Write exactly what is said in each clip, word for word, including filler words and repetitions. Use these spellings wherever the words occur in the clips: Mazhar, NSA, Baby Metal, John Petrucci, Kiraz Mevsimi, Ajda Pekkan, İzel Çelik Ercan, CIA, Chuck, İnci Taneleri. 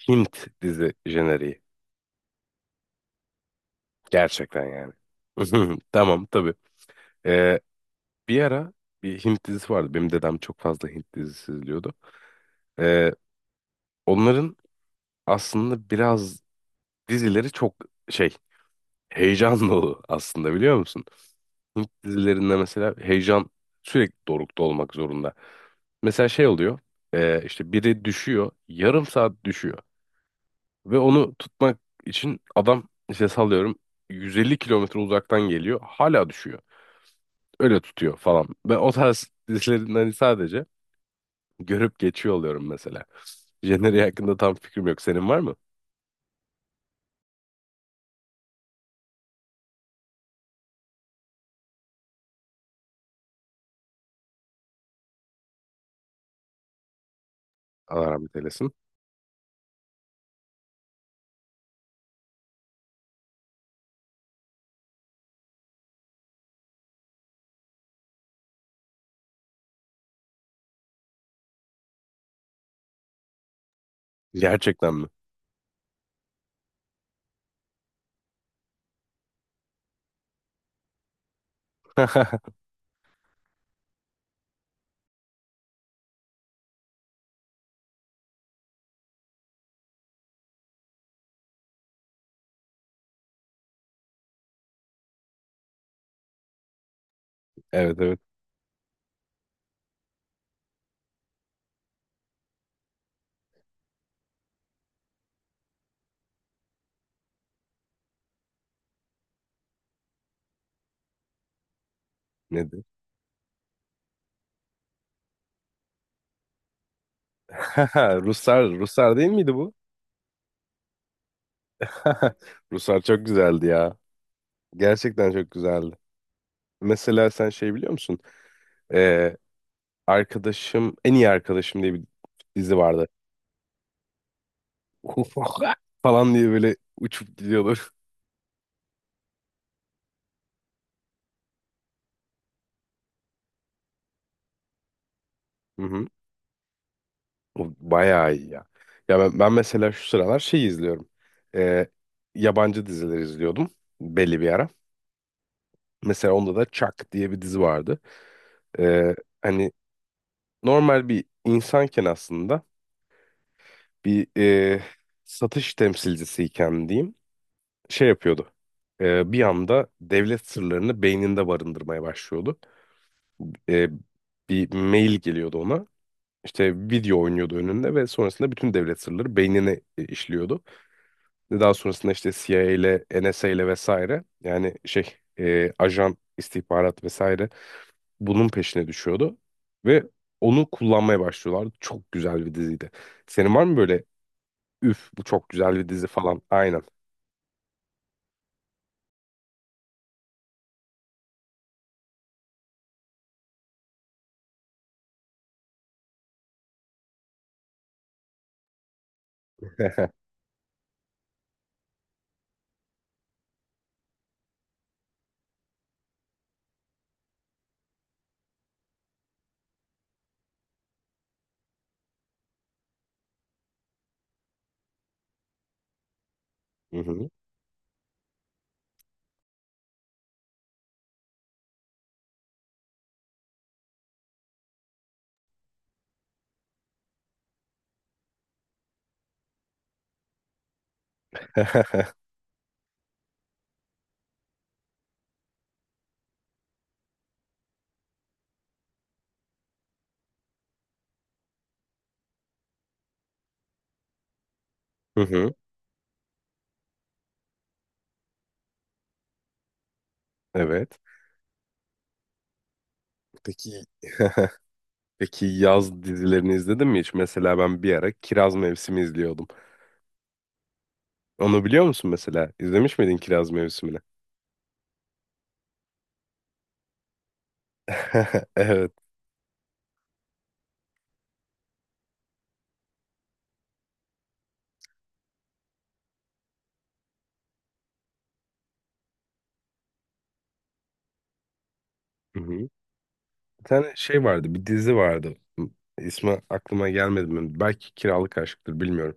Hint dizi jeneriği. Gerçekten yani. Tamam tabii. Ee, bir ara bir Hint dizisi vardı. Benim dedem çok fazla Hint dizisi izliyordu. Ee, onların aslında biraz dizileri çok şey heyecan dolu aslında biliyor musun? Hint dizilerinde mesela heyecan sürekli dorukta olmak zorunda. Mesela şey oluyor. Ee, işte biri düşüyor. Yarım saat düşüyor. Ve onu tutmak için adam işte sallıyorum yüz elli kilometre uzaktan geliyor. Hala düşüyor. Öyle tutuyor falan. Ben o tarz dizilerin hani sadece görüp geçiyor oluyorum mesela. Jenner'i hakkında tam fikrim yok. Senin var mı? Allah rahmet eylesin. Gerçekten mi? Evet, evet. Nedir? Ruslar, Ruslar değil miydi bu? Ruslar çok güzeldi ya. Gerçekten çok güzeldi. Mesela sen şey biliyor musun? Ee, arkadaşım, en iyi arkadaşım diye bir dizi vardı. falan diye böyle uçup gidiyorlar. Hı hı. O bayağı iyi ya. Ya ben, ben mesela şu sıralar şey izliyorum. Ee, yabancı diziler izliyordum belli bir ara. Mesela onda da Chuck diye bir dizi vardı. Ee, hani normal bir insanken aslında bir e, satış temsilcisiyken diyeyim şey yapıyordu. Ee, bir anda devlet sırlarını beyninde barındırmaya başlıyordu. Ee, bir mail geliyordu ona. İşte video oynuyordu önünde ve sonrasında bütün devlet sırları beynine e, işliyordu. Ve Daha sonrasında işte C I A ile N S A ile vesaire yani şey e, ajan istihbarat vesaire bunun peşine düşüyordu ve onu kullanmaya başlıyorlardı. Çok güzel bir diziydi. Senin var mı böyle üf bu çok güzel bir dizi falan? Aynen. Hı hı. Hı hı. Evet. Peki. Peki yaz dizilerini izledin mi hiç? Mesela ben bir ara Kiraz Mevsimi izliyordum. Onu biliyor musun mesela? İzlemiş miydin Kiraz Mevsimi'ni? Evet. Hı hı. Bir tane şey vardı, bir dizi vardı. İsmi aklıma gelmedi mi? Belki Kiralık Aşk'tır, bilmiyorum.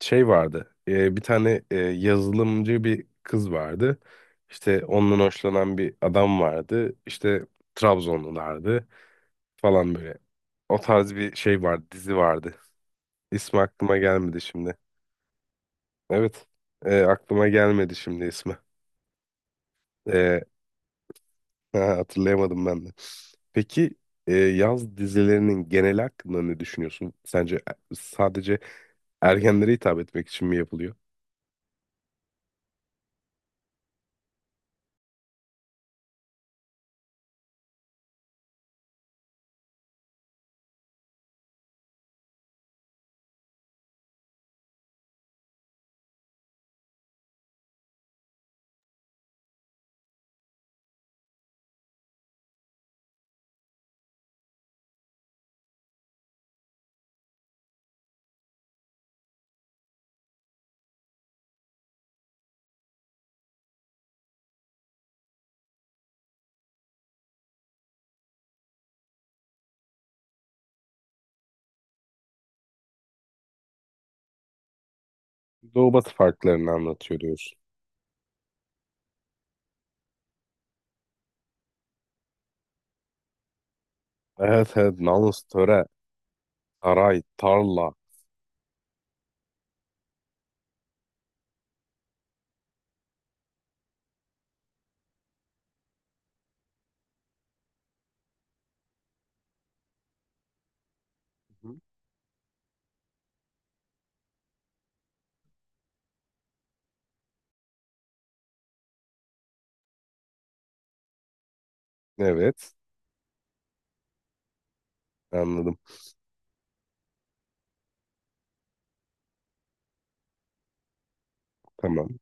Şey vardı. e, bir tane e, yazılımcı bir kız vardı. İşte ondan hoşlanan bir adam vardı. İşte Trabzonlulardı falan böyle. O tarz bir şey vardı, dizi vardı. İsmi aklıma gelmedi şimdi. Evet. E, aklıma gelmedi şimdi ismi. E, Hatırlayamadım ben de. Peki e, yaz dizilerinin genel hakkında ne düşünüyorsun? Sence e- sadece ergenlere hitap etmek için mi yapılıyor? Doğu batı farklarını anlatıyor diyorsun. Evet, evet. Namus, töre, saray, tarla. Hı. Evet. Anladım. Tamam.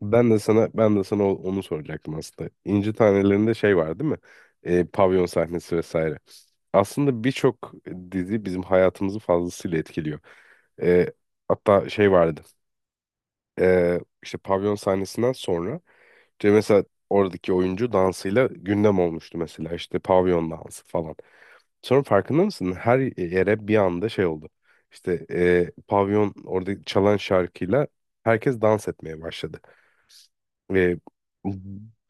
Ben de sana ben de sana o- onu soracaktım aslında. İnci Taneleri'nde şey var değil mi? Ee, pavyon sahnesi vesaire. Aslında birçok dizi bizim hayatımızı fazlasıyla etkiliyor. Ee, hatta şey vardı. Ee, işte pavyon sahnesinden sonra işte mesela oradaki oyuncu dansıyla gündem olmuştu mesela işte pavyon dansı falan. Sonra farkında mısın? Her yere bir anda şey oldu. İşte ee, pavyon orada çalan şarkıyla herkes dans etmeye başladı. E,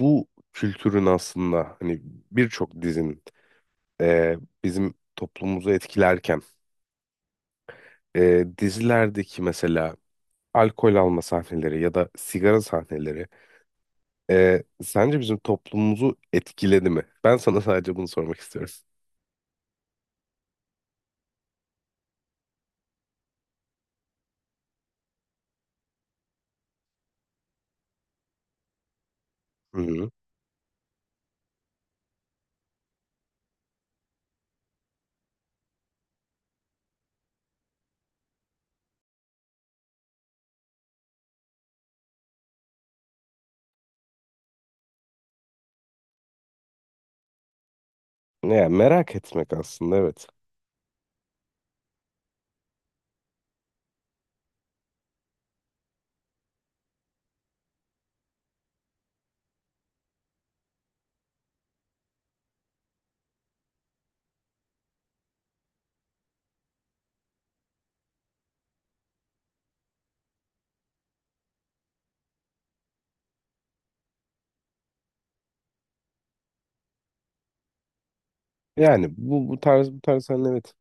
bu kültürün aslında hani birçok dizinin e, bizim toplumumuzu etkilerken e, dizilerdeki mesela alkol alma sahneleri ya da sigara sahneleri e, sence bizim toplumumuzu etkiledi mi? Ben sana sadece bunu sormak istiyorum. Hı hı. Yani merak etmek aslında evet. Yani bu bu tarz bu tarz sahne evet.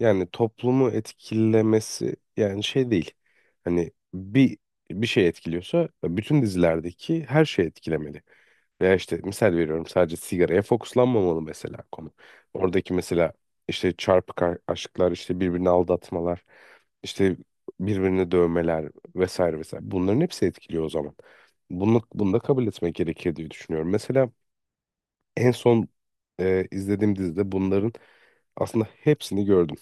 Yani toplumu etkilemesi yani şey değil. Hani bir bir şey etkiliyorsa bütün dizilerdeki her şey etkilemeli. Veya işte misal veriyorum sadece sigaraya fokuslanmamalı mesela konu. Oradaki mesela işte çarpık a- aşklar, işte birbirini aldatmalar, işte birbirini dövmeler vesaire vesaire. Bunların hepsi etkiliyor o zaman. Bunu, bunu da kabul etmek gerekir diye düşünüyorum. Mesela en son e, izlediğim dizide bunların aslında hepsini gördüm.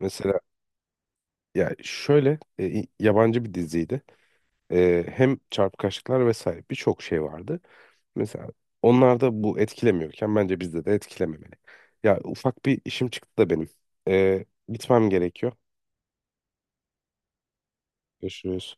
Mesela ya şöyle e, i- yabancı bir diziydi. E, hem çarpıkaşlıklar vesaire birçok şey vardı. Mesela onlar da bu etkilemiyorken bence bizde de etkilememeli. Ya ufak bir işim çıktı da benim. E, gitmem gerekiyor. Görüşürüz.